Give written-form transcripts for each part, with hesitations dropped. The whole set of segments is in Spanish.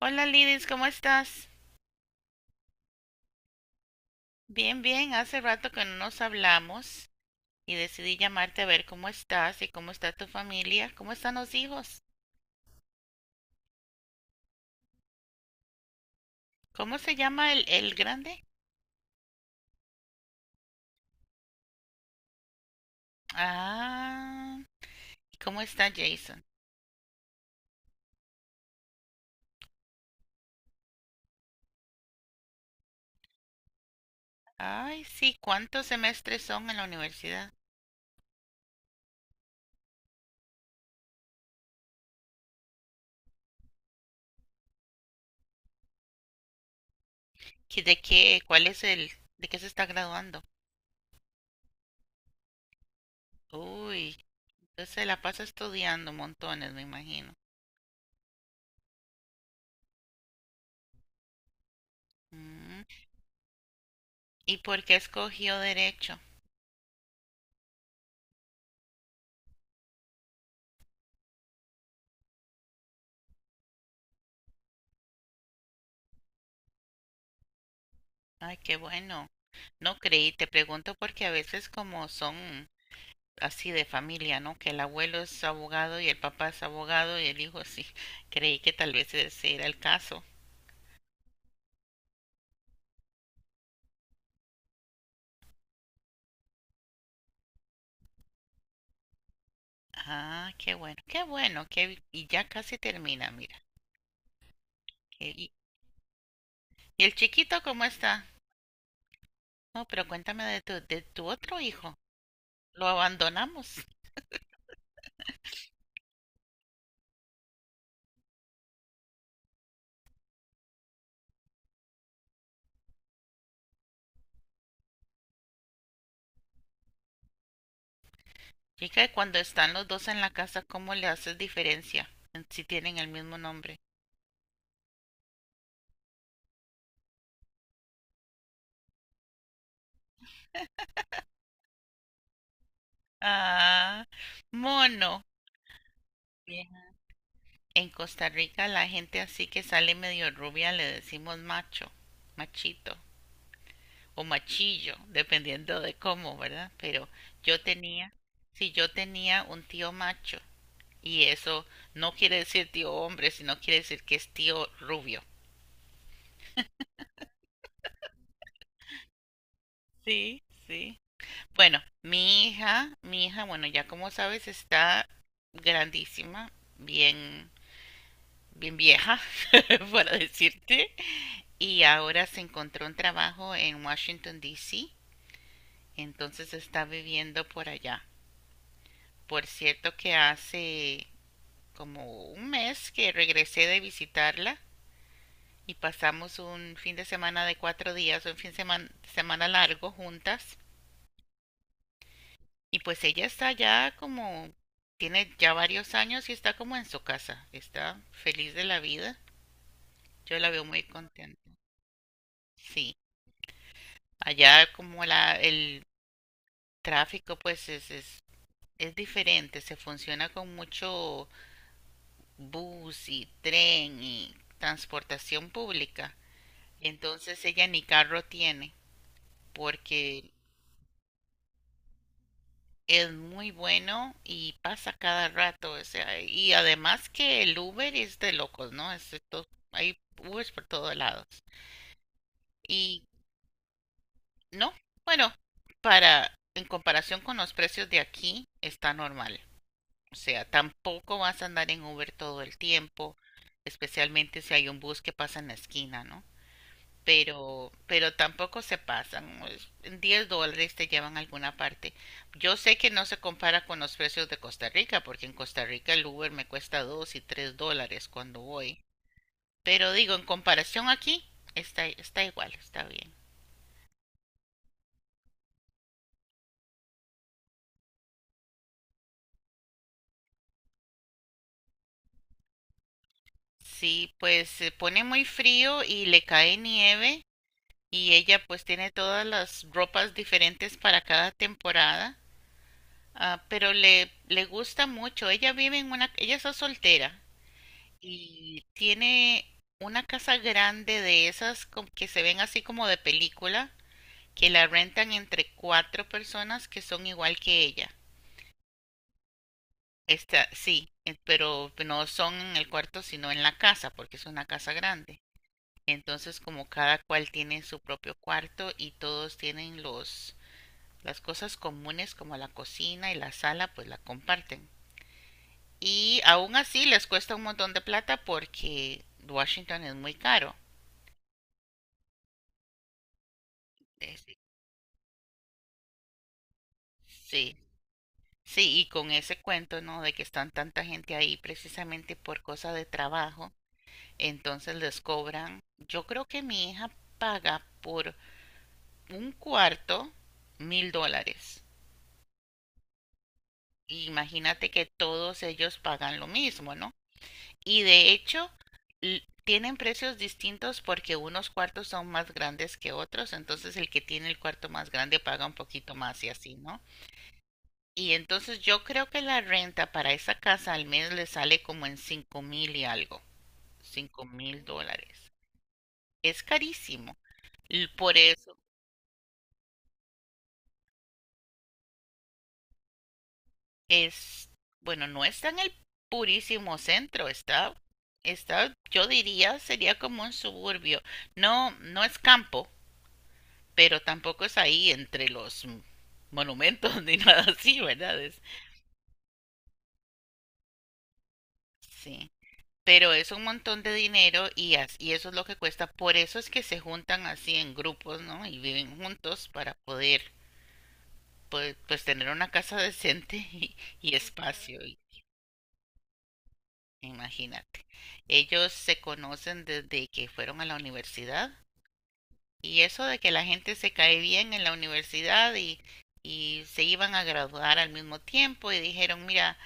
Hola Lidis, ¿cómo estás? Bien, hace rato que no nos hablamos y decidí llamarte a ver cómo estás y cómo está tu familia, cómo están los hijos, cómo se llama el grande. Ah, ¿y ¿cómo está Jason? Ay, sí, ¿cuántos semestres son en la universidad? ¿Qué- ¿De qué? ¿Cuál es el? ¿De qué se está graduando? Uy, entonces se la pasa estudiando montones, me imagino. Mm, ¿Y por qué escogió derecho? Ay, qué bueno. No creí, te pregunto porque a veces como son así de familia, ¿no? Que el abuelo es abogado y el papá es abogado y el hijo sí. Creí que tal vez ese era el caso. Ah, qué bueno, qué bueno, qué... y ya casi termina, mira. Eh, ¿Y, y el chiquito cómo está? No, pero cuéntame de tu otro hijo. Lo abandonamos. Chica, cuando están los dos en la casa, ¿cómo le haces diferencia en si tienen el mismo nombre? Ah, mono. En Costa Rica la gente así que sale medio rubia le decimos macho, machito o machillo, dependiendo de cómo, ¿verdad? Pero yo tenía, si yo tenía un tío macho y eso no quiere decir tío hombre, sino quiere decir que es tío rubio. Sí, sí. Bueno, mi hija, bueno, ya como sabes, está grandísima, bien bien vieja, para decirte, y ahora se encontró un trabajo en Washington, D.C., entonces está viviendo por allá. Por cierto que hace como un mes que regresé de visitarla y pasamos un fin de semana de cuatro días, un fin de semana, semana largo juntas. Y pues ella está ya como, tiene ya varios años y está como en su casa, está feliz de la vida. Yo la veo muy contenta. Sí, allá como el tráfico, es diferente, se funciona con mucho bus y tren y transportación pública. Entonces ella ni carro tiene, porque es muy bueno y pasa cada rato, o sea, y además que el Uber es de locos, ¿no? Es de hay Ubers por todos lados. Y no, bueno, para en comparación con los precios de aquí está normal. O sea, tampoco vas a andar en Uber todo el tiempo, especialmente si hay un bus que pasa en la esquina, ¿no? Pero tampoco se pasan, pues, en $10 te llevan a alguna parte. Yo sé que no se compara con los precios de Costa Rica, porque en Costa Rica el Uber me cuesta 2 y 3 dólares cuando voy. Pero digo, en comparación aquí, está igual, está bien. Sí, pues se pone muy frío y le cae nieve y ella pues tiene todas las ropas diferentes para cada temporada, ah, pero le gusta mucho. Ella es soltera y tiene una casa grande de esas que se ven así como de película, que la rentan entre cuatro personas que son igual que ella. Esta, sí, pero no son en el cuarto, sino en la casa, porque es una casa grande. Entonces, como cada cual tiene su propio cuarto y todos tienen los, las cosas comunes como la cocina y la sala pues la comparten. Y aún así les cuesta un montón de plata porque Washington es muy caro. Es- Sí, sí, sí, y con ese cuento, ¿no? De que están tanta gente ahí precisamente por cosa de trabajo, entonces les cobran, yo creo que mi hija paga por un cuarto $1000. Imagínate que todos ellos pagan lo mismo, ¿no? Y de hecho, tienen precios distintos porque unos cuartos son más grandes que otros, entonces el que tiene el cuarto más grande paga un poquito más y así, ¿no? Y entonces yo creo que la renta para esa casa al mes le sale como en 5000 y algo, $5000. Es carísimo. Y por eso es, bueno, no está en el purísimo centro, está, yo diría, sería como un suburbio. No, no es campo, pero tampoco es ahí entre los monumentos ni nada así, ¿verdad? Sí. Pero es un montón de dinero y eso es lo que cuesta. Por eso es que se juntan así en grupos, ¿no? Y viven juntos para poder pues tener una casa decente y espacio. Imagínate. Ellos se conocen desde que fueron a la universidad. Y eso de que la gente se cae bien en la universidad y se iban a graduar al mismo tiempo y dijeron, mira,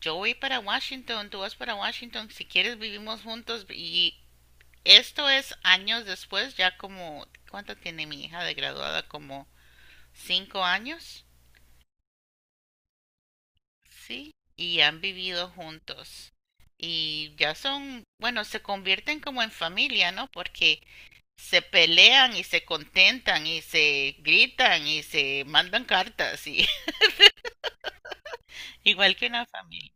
yo voy para Washington, tú vas para Washington, si quieres vivimos juntos y esto es años después, ya como, ¿cuánto tiene mi hija de graduada? Como cinco años, ¿sí? Y han vivido juntos. Y ya son, bueno, se convierten como en familia, ¿no? Porque se pelean y se contentan y se gritan y se mandan cartas y igual que una familia.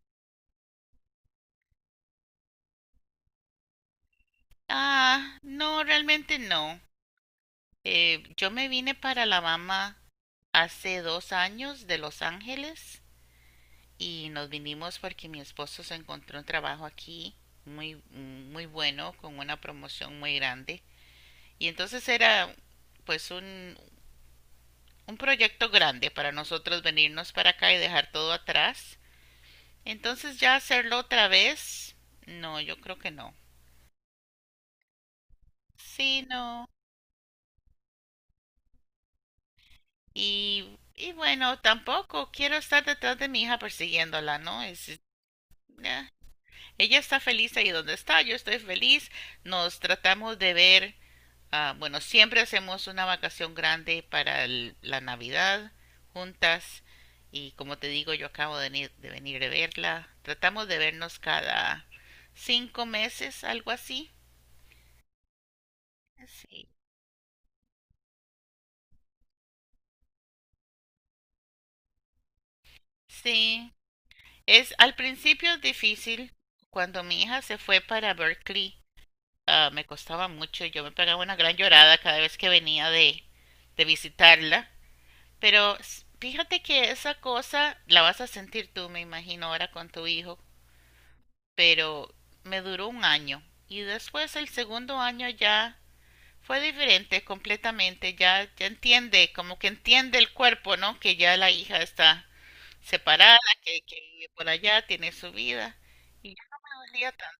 Ah, no, realmente no. Yo me vine para Alabama hace dos años de Los Ángeles y nos vinimos porque mi esposo se encontró un trabajo aquí muy muy bueno con una promoción muy grande y entonces era pues un, un proyecto grande para nosotros venirnos para acá y dejar todo atrás. Entonces ya hacerlo otra vez, no, yo creo que no. Sí, no. Y bueno, tampoco quiero estar detrás de mi hija persiguiéndola, ¿no? Nah. Ella está feliz ahí donde está, yo estoy feliz. Nos tratamos de ver, ah, bueno, siempre hacemos una vacación grande para la Navidad juntas. Y como te digo, yo acabo de venir, de venir de verla. Tratamos de vernos cada cinco meses, algo así. Sí. Sí, es al principio difícil. Cuando mi hija se fue para Berkeley, ah, me costaba mucho. Yo me pegaba una gran llorada cada vez que venía de visitarla. Pero fíjate que esa cosa la vas a sentir tú, me imagino, ahora con tu hijo. Pero me duró un año. Y después el segundo año ya fue diferente completamente. Ya entiende, como que entiende el cuerpo, ¿no? Que ya la hija está separada, que vive por allá, tiene su vida. Y ya no me dolía tanto.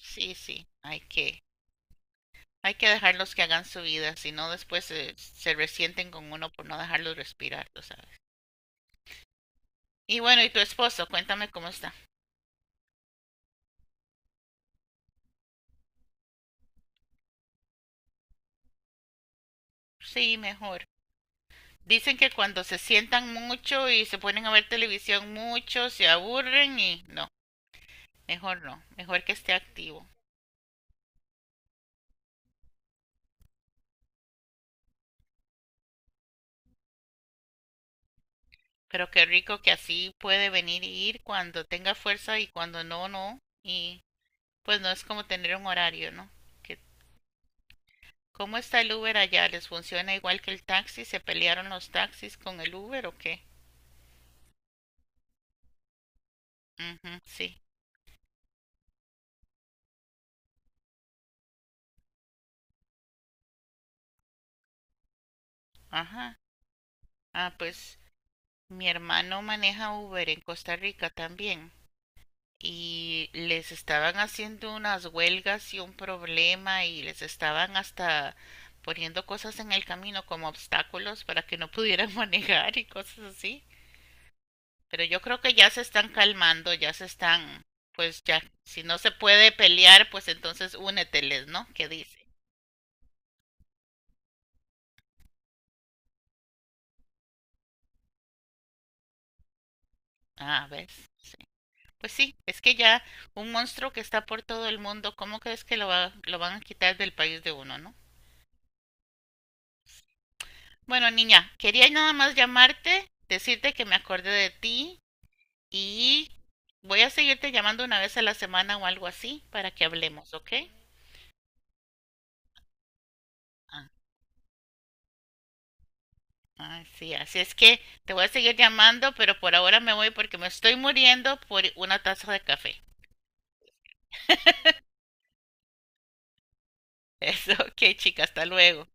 Sí, sí, hay que dejarlos que hagan su vida, si no después se resienten con uno por no dejarlos respirar, tú sabes. Y bueno, ¿y tu esposo? Cuéntame cómo está. Sí, mejor. Dicen que cuando se sientan mucho y se ponen a ver televisión mucho, se aburren y no, mejor no, mejor que esté activo. Pero qué rico que así puede venir y ir cuando tenga fuerza y cuando no, no. Y pues no es como tener un horario, ¿no? Que, ¿cómo está el Uber allá? ¿Les funciona igual que el taxi? ¿Se pelearon los taxis con el Uber o qué? Ujú, sí, ajá. Ah, pues mi hermano maneja Uber en Costa Rica también y les estaban haciendo unas huelgas y un problema y les estaban hasta poniendo cosas en el camino como obstáculos para que no pudieran manejar y cosas así. Pero yo creo que ya se están calmando, pues ya, si no se puede pelear, pues entonces úneteles, ¿no? ¿Qué dice? Ah, ¿ves? Sí. Pues sí, es que ya un monstruo que está por todo el mundo, ¿cómo crees que lo van a quitar del país de uno, no? Bueno, niña, quería nada más llamarte, decirte que me acordé de ti y voy a seguirte llamando una vez a la semana o algo así para que hablemos, ¿ok? Ah, así, así es que te voy a seguir llamando, pero por ahora me voy porque me estoy muriendo por una taza de café. Eso, ok, chica, hasta luego.